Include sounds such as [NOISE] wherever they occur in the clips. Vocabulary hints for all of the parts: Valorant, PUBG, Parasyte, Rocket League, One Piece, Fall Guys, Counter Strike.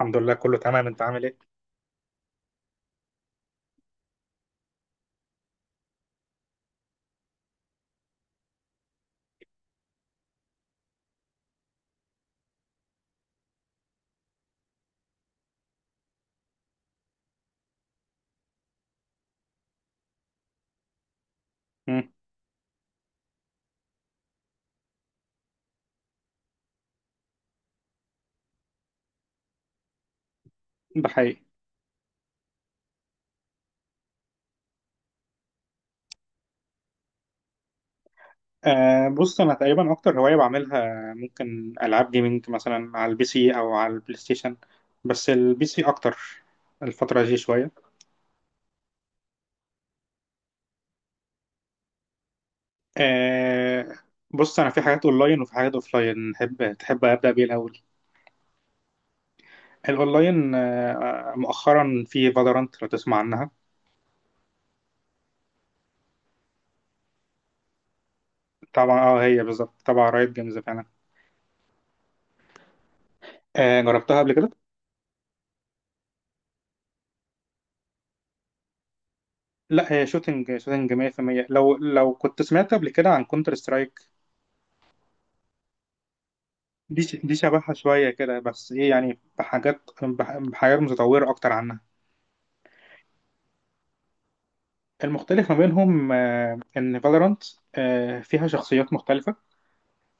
الحمد لله، كله تمام، انت عامل ايه؟ مم. ده حقيقي. بص، انا تقريبا اكتر هوايه بعملها ممكن العاب جيمنج مثلا على البي سي او على البلاي ستيشن. بس البي سي اكتر الفتره دي شويه. آه بص، انا في حاجات اونلاين وفي حاجات اوفلاين، تحب ابدا بيه الاول؟ الاونلاين، مؤخرا في فالورانت، لو تسمع عنها. طبعا اه، هي بالظبط، طبعا رايت جيمز فعلا. جربتها قبل كده. لا، هي شوتنج شوتنج 100%. لو كنت سمعت قبل كده عن كونتر سترايك، دي شبهها شوية كده بس إيه، يعني بحاجات، بحاجات متطورة أكتر عنها. المختلف ما بينهم، إن فالورانت فيها شخصيات مختلفة،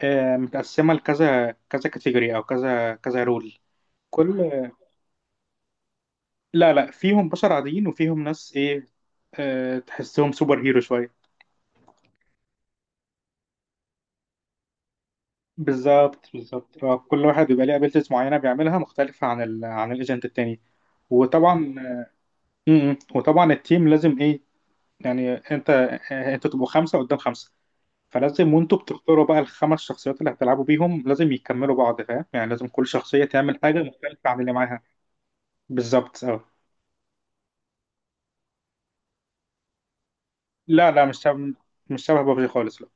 متقسمة لكذا كذا كاتيجوري أو كذا كذا رول. كل لا لا، فيهم بشر عاديين وفيهم ناس إيه، تحسهم سوبر هيرو شوية. بالظبط بالظبط، كل واحد بيبقى ليه أبيلتيز معينة بيعملها مختلفة عن عن الإيجنت التاني. وطبعا م- م. وطبعا التيم لازم إيه، يعني انت تبقوا خمسه قدام خمسه، فلازم وانتوا بتختاروا بقى الخمس شخصيات اللي هتلعبوا بيهم لازم يكملوا بعض، فاهم يعني؟ لازم كل شخصيه تعمل حاجه مختلفه عن اللي معاها. بالظبط اه. لا لا، مش شبه بابجي خالص، لا.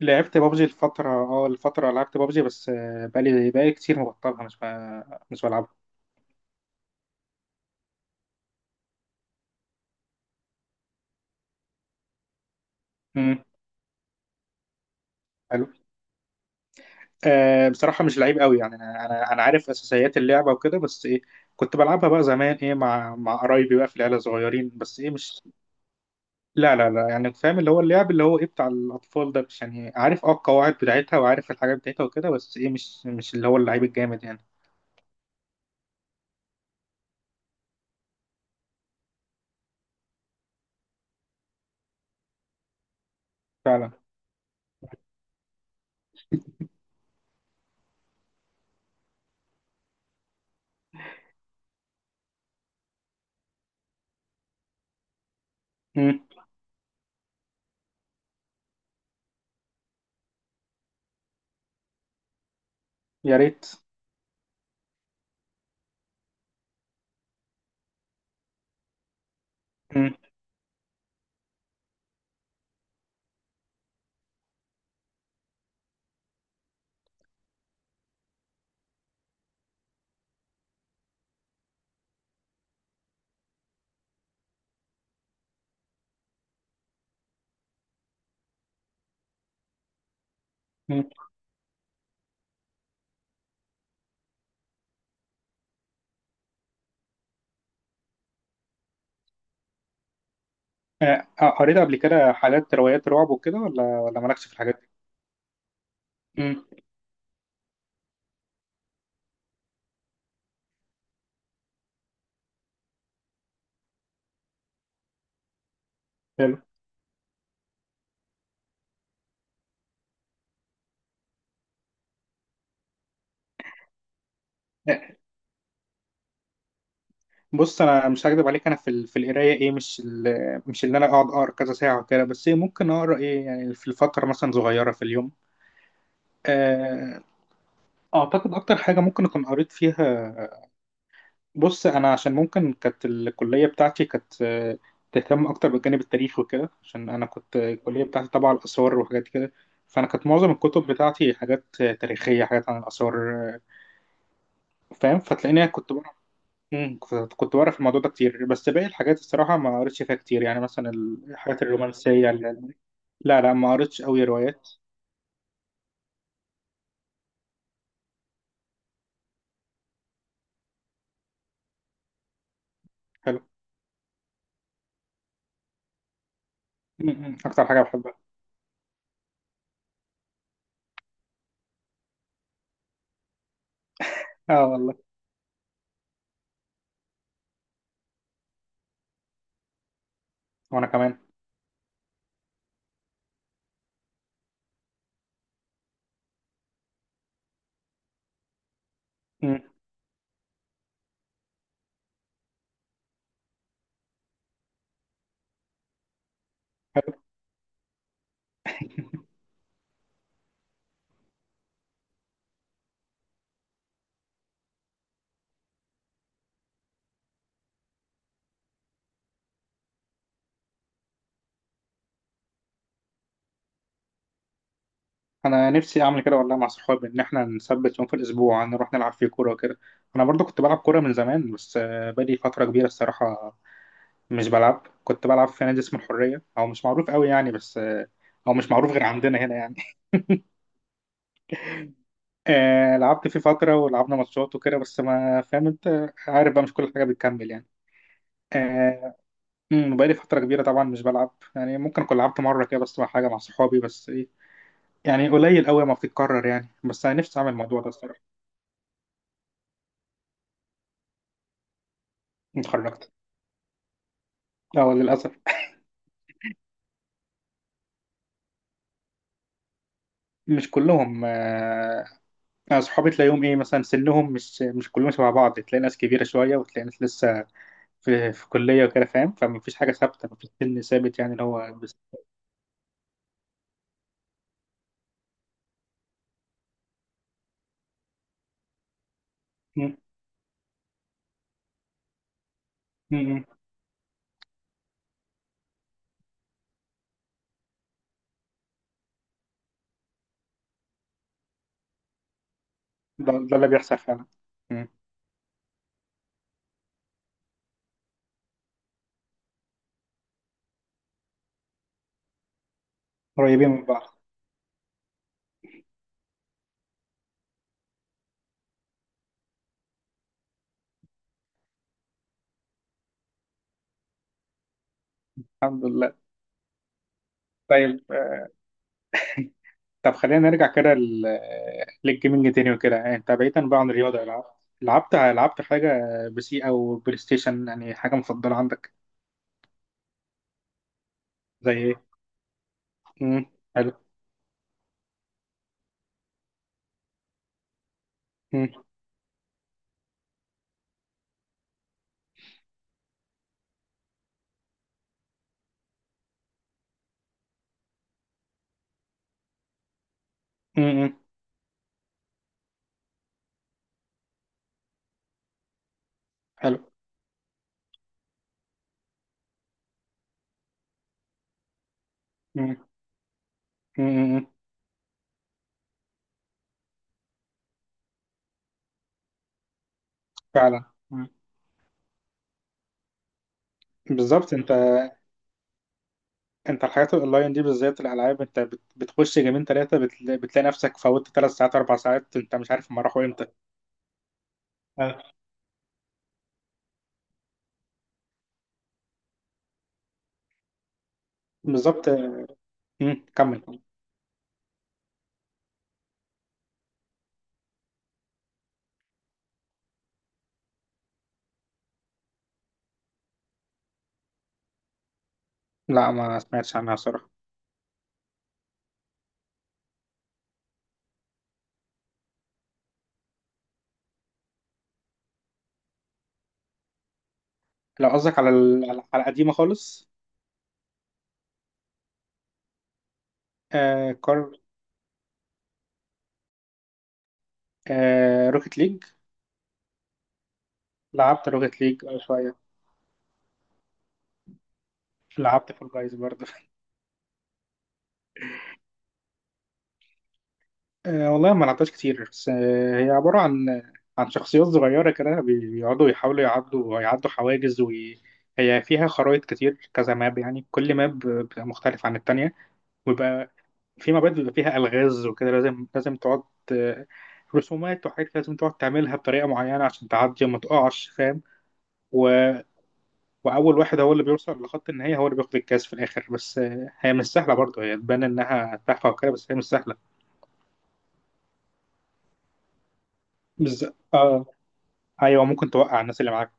لعبت بابجي الفتره، لعبت بابجي بس، بقالي كتير مبطلها، مش بلعبها. امم، حلو. بصراحه مش لعيب قوي يعني، انا انا انا عارف اساسيات اللعبه وكده بس ايه، كنت بلعبها بقى زمان ايه، مع قرايبي بقى في العيله صغيرين، بس ايه مش. لا لا لا، يعني فاهم اللي هو اللعب اللي هو ايه بتاع الاطفال ده، مش يعني، عارف اه القواعد بتاعتها وعارف الحاجات بتاعتها وكده، بس ايه مش، اللي هو اللعيب الجامد يعني. فعلا. امم. يا ريت. امم. امم. قريت قبل كده حاجات روايات رعب وكده، ولا مالكش في الحاجات دي؟ امم، حلو. آه، بص انا مش هكدب عليك، انا في في القرايه ايه، مش مش اللي انا اقعد اقرا كذا ساعه وكده، بس ايه ممكن اقرا ايه يعني في الفتره مثلا صغيره في اليوم. آه، اعتقد اكتر حاجه ممكن اكون قريت فيها، بص انا عشان ممكن كانت الكليه بتاعتي كانت، تهتم اكتر بالجانب التاريخي وكده، عشان انا كنت الكليه بتاعتي تبع الاثار وحاجات كده. فانا كانت معظم الكتب بتاعتي حاجات تاريخيه، حاجات عن الاثار. آه، فاهم، فتلاقيني كنت بعرف، كنت بعرف الموضوع ده كتير، بس باقي الحاجات الصراحه ما قريتش فيها كتير يعني، مثلا الحاجات الرومانسيه لا لا، ما قريتش قوي روايات. حلو. مم. مم. اكتر حاجه بحبها. اه والله. وانا كمان. مم. انا نفسي اعمل كده والله، مع صحابي ان احنا نثبت يوم في الاسبوع نروح نلعب فيه كوره وكده. انا برضو كنت بلعب كوره من زمان، بس بقالي فتره كبيره الصراحه مش بلعب. كنت بلعب في نادي اسمه الحريه، او مش معروف قوي يعني، بس او مش معروف غير عندنا هنا يعني. [LAUGHS] لعبت فيه فتره ولعبنا ماتشات وكده، بس ما، فاهم انت عارف بقى، مش كل حاجه بتكمل يعني. آه، أمم، بقالي فتره كبيره طبعا مش بلعب، يعني ممكن اكون لعبت مره كده بس، مع صحابي، بس ايه، يعني قليل قوي ما بتتكرر يعني، بس انا نفسي اعمل الموضوع ده الصراحه. اتخرجت، اه للاسف. مش كلهم، أنا صحابي تلاقيهم إيه، مثلا سنهم مش كلهم شبه بعض، تلاقي ناس كبيرة شوية وتلاقي ناس لسه في كلية وكده، فاهم؟ فمفيش حاجة ثابتة مفيش سن ثابت يعني، اللي هو بس. م- م- م. ده اللي بيحصل فعلا. م. قريبين من بعض. الحمد لله. طيب، طب خلينا نرجع كده للجيمنج تاني وكده، يعني أنت بعيدا بقى عن الرياضة، لعبت حاجة بسي أو بلاي ستيشن يعني، حاجة مفضلة عندك؟ زي إيه؟ م. حلو. م. م. م. حلو. م. م. م. م. فعلا. مم. بالظبط، انت الحاجات الاونلاين دي بالذات الالعاب، انت بتخش جيمين ثلاثه بتلاقي نفسك فوتت 3 ساعات 4 ساعات، انت مش عارف هم راحوا امتى. آه. بالظبط. مم. كمل. لا، ما سمعتش عنها صراحه. لو قصدك على على القديمه خالص. آه، كار. آه، روكيت ليج. لعبت روكيت ليج شويه. لعبت فول جايز برضه. والله ما لعبتهاش كتير، بس هي عبارة عن شخصيات صغيرة كده، بيقعدوا يحاولوا يعدوا، حواجز، وهي فيها خرائط كتير كذا ماب، يعني كل ماب بتبقى مختلف عن التانية. ويبقى في مابات بيبقى فيها ألغاز وكده، لازم لازم تقعد، آه، رسومات وحاجات لازم تقعد تعملها بطريقة معينة عشان تعدي وما تقعش، فاهم؟ و... وأول واحد هو اللي بيوصل لخط النهاية هو اللي بياخد الكاس في الآخر، بس هي مش سهلة برضه، هي تبان إنها تحفة وكده بس هي مش سهلة. آه أيوه، ممكن توقع الناس اللي معاك.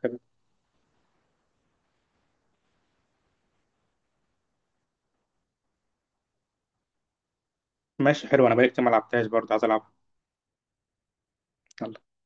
ماشي حلو، انا بقالي كتير ما لعبتهاش برضه، عايز العبها. يلا.